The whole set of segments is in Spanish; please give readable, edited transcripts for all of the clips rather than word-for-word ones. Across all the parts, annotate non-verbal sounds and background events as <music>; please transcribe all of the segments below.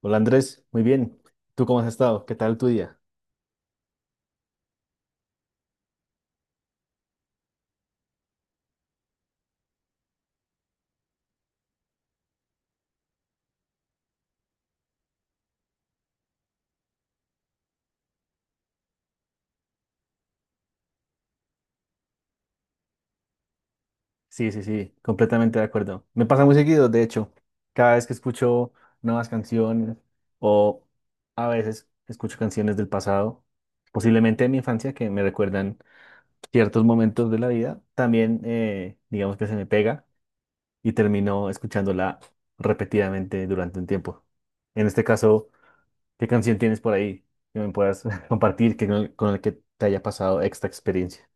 Hola Andrés, muy bien. ¿Tú cómo has estado? ¿Qué tal tu día? Sí, sí, sí, completamente de acuerdo. Me pasa muy seguido, de hecho, cada vez que escucho nuevas canciones o a veces escucho canciones del pasado, posiblemente de mi infancia, que me recuerdan ciertos momentos de la vida, también digamos que se me pega y termino escuchándola repetidamente durante un tiempo. En este caso, ¿qué canción tienes por ahí que me puedas <laughs> compartir que con el que te haya pasado esta experiencia?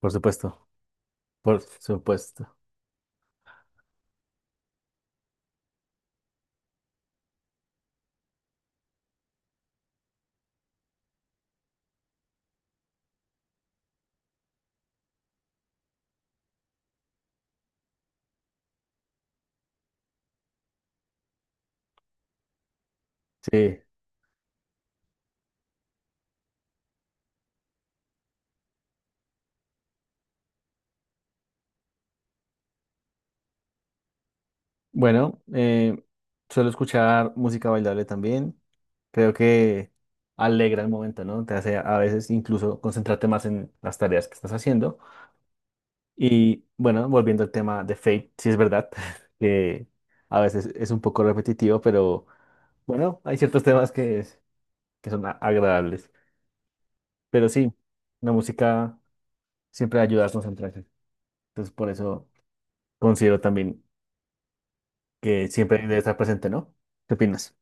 Por supuesto. Por supuesto. Sí. Bueno, suelo escuchar música bailable también. Creo que alegra el momento, ¿no? Te hace a veces incluso concentrarte más en las tareas que estás haciendo. Y bueno, volviendo al tema de Fate, sí es verdad <laughs> que a veces es un poco repetitivo, pero bueno, hay ciertos temas que son agradables. Pero sí, la música siempre ayuda a concentrarse. Entonces, por eso considero también que siempre debe estar presente, ¿no? ¿Qué opinas?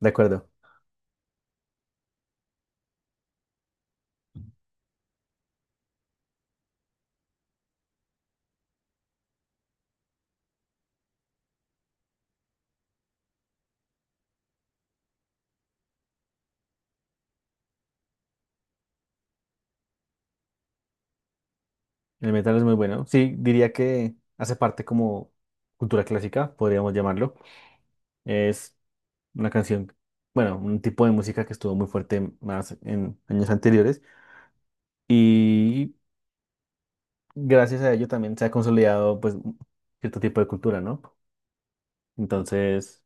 De acuerdo, el metal es muy bueno. Sí, diría que hace parte como cultura clásica, podríamos llamarlo. Es una canción, bueno, un tipo de música que estuvo muy fuerte más en años anteriores y gracias a ello también se ha consolidado pues cierto tipo de cultura, ¿no? Entonces,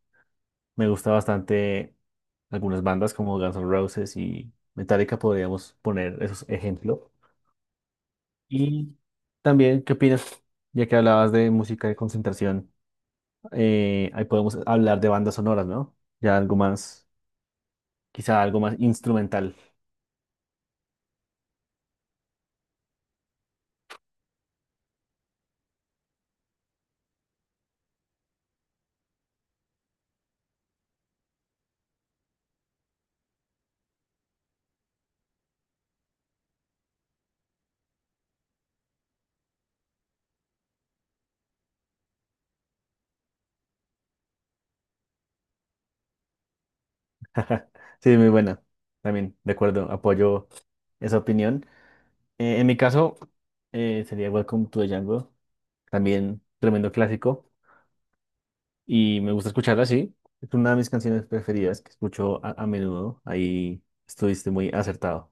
me gusta bastante algunas bandas como Guns N' Roses y Metallica, podríamos poner esos ejemplos. Y también, ¿qué opinas? Ya que hablabas de música de concentración. Ahí podemos hablar de bandas sonoras, ¿no? Ya algo más, quizá algo más instrumental. <laughs> Sí, muy buena. También, de acuerdo, apoyo esa opinión. En mi caso, sería Welcome to the Jungle, también tremendo clásico, y me gusta escucharla así. Es una de mis canciones preferidas que escucho a menudo. Ahí estuviste muy acertado.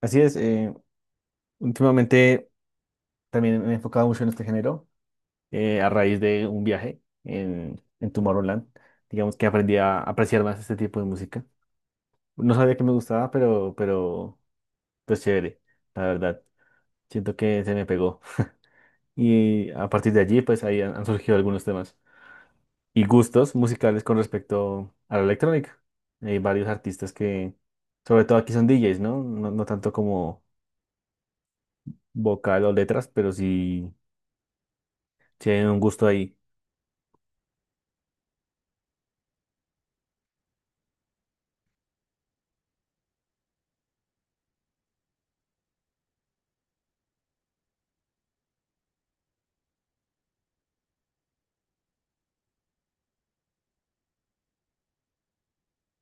Así es, últimamente también me he enfocado mucho en este género. A raíz de un viaje en Tomorrowland. Digamos que aprendí a apreciar más este tipo de música. No sabía que me gustaba, pero pues chévere, la verdad. Siento que se me pegó. Y a partir de allí, pues ahí han, han surgido algunos temas y gustos musicales con respecto a la electrónica. Hay varios artistas que, sobre todo aquí son DJs, ¿no? No, no tanto como vocal o letras, pero sí, sí hay un gusto ahí.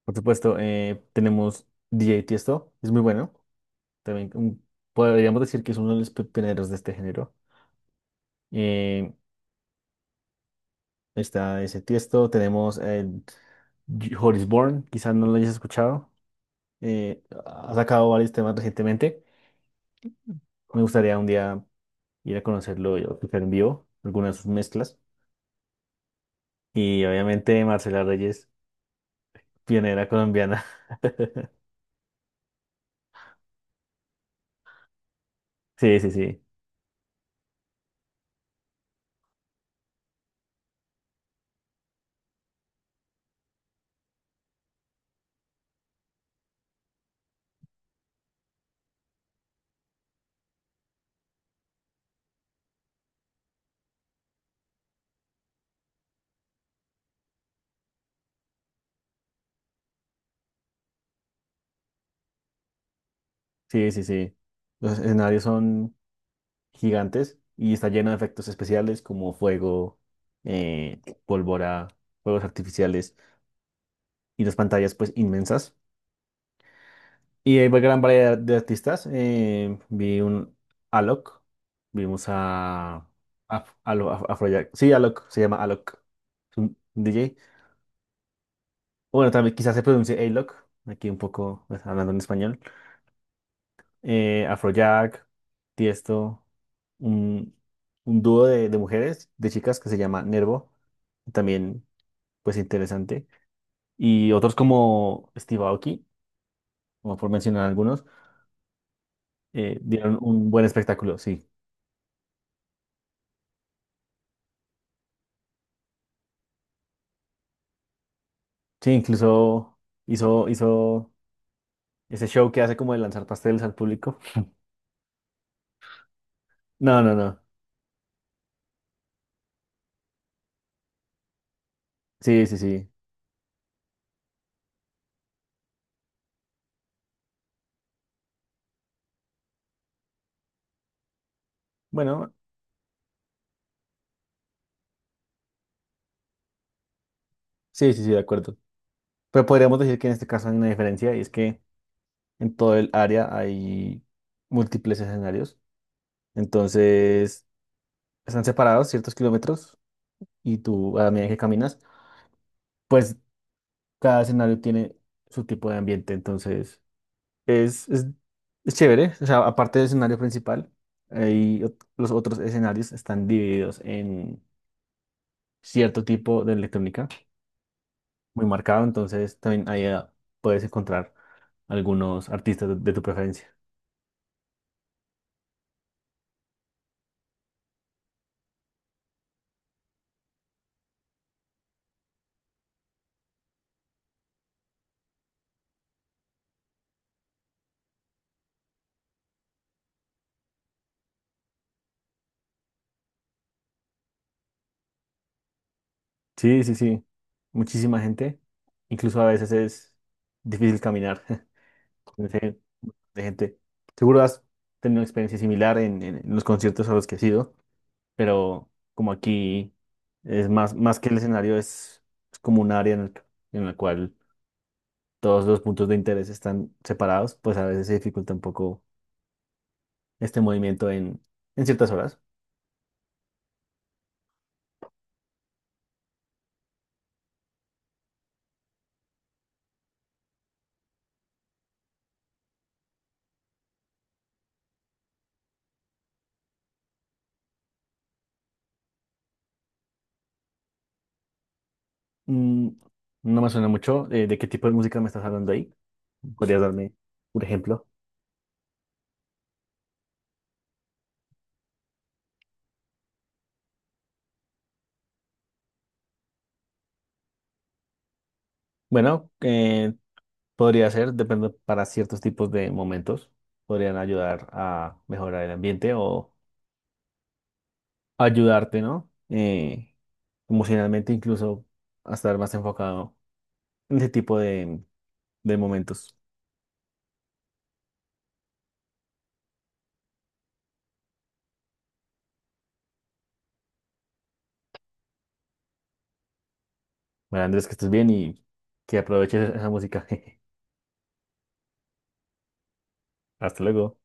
Por supuesto, tenemos DJ Tiesto, es muy bueno. También podríamos decir que es uno de los pioneros de este género. Eh, está ese Tiesto, tenemos el Horis Bourne, quizás no lo hayas escuchado. Ha sacado varios temas recientemente. Me gustaría un día ir a conocerlo y escuchar en vivo algunas de sus mezclas. Y obviamente Marcela Reyes, pionera colombiana. <laughs> Sí, sí, sí, sí, sí, sí. Los escenarios son gigantes y está lleno de efectos especiales como fuego, eh, pólvora, fuegos artificiales y las pantallas pues inmensas. Y hay gran variedad de artistas. Vi un Alok, vimos Afrojack. Sí, Alok, se llama Alok, es un DJ. O bueno, también quizás se pronuncie Alok, aquí un poco pues, hablando en español. Afrojack, Tiesto, un, un dúo de mujeres, de chicas que se llama Nervo, también pues interesante, y otros como Steve Aoki, como por mencionar algunos, dieron un buen espectáculo, sí. Sí, incluso hizo ese show que hace como de lanzar pasteles al público. No, no, no. Sí, sí, sí. Bueno, sí, sí, sí, de acuerdo. Pero podríamos decir que en este caso hay una diferencia y es que en todo el área hay múltiples escenarios. Entonces, están separados ciertos kilómetros y tú, a la medida que caminas, pues cada escenario tiene su tipo de ambiente. Entonces, es, es, es chévere. O sea, aparte del escenario principal, hay los otros escenarios están divididos en cierto tipo de electrónica muy marcado. Entonces, también ahí puedes encontrar algunos artistas de tu preferencia. Sí, sí, sí. Muchísima gente. Incluso a veces es difícil caminar. <laughs> de gente. Seguro has tenido una experiencia similar en los conciertos a los que has ido, pero como aquí es más, más que el escenario, es como un área en en la cual todos los puntos de interés están separados, pues a veces se dificulta un poco este movimiento en ciertas horas. Mm, no me suena mucho. ¿De qué tipo de música me estás hablando ahí? ¿Podrías darme un ejemplo? Bueno, podría ser, depende para ciertos tipos de momentos podrían ayudar a mejorar el ambiente o ayudarte, ¿no? Emocionalmente incluso a estar más enfocado en ese tipo de momentos. Bueno, Andrés, que estés bien y que aproveches esa música. <laughs> Hasta luego.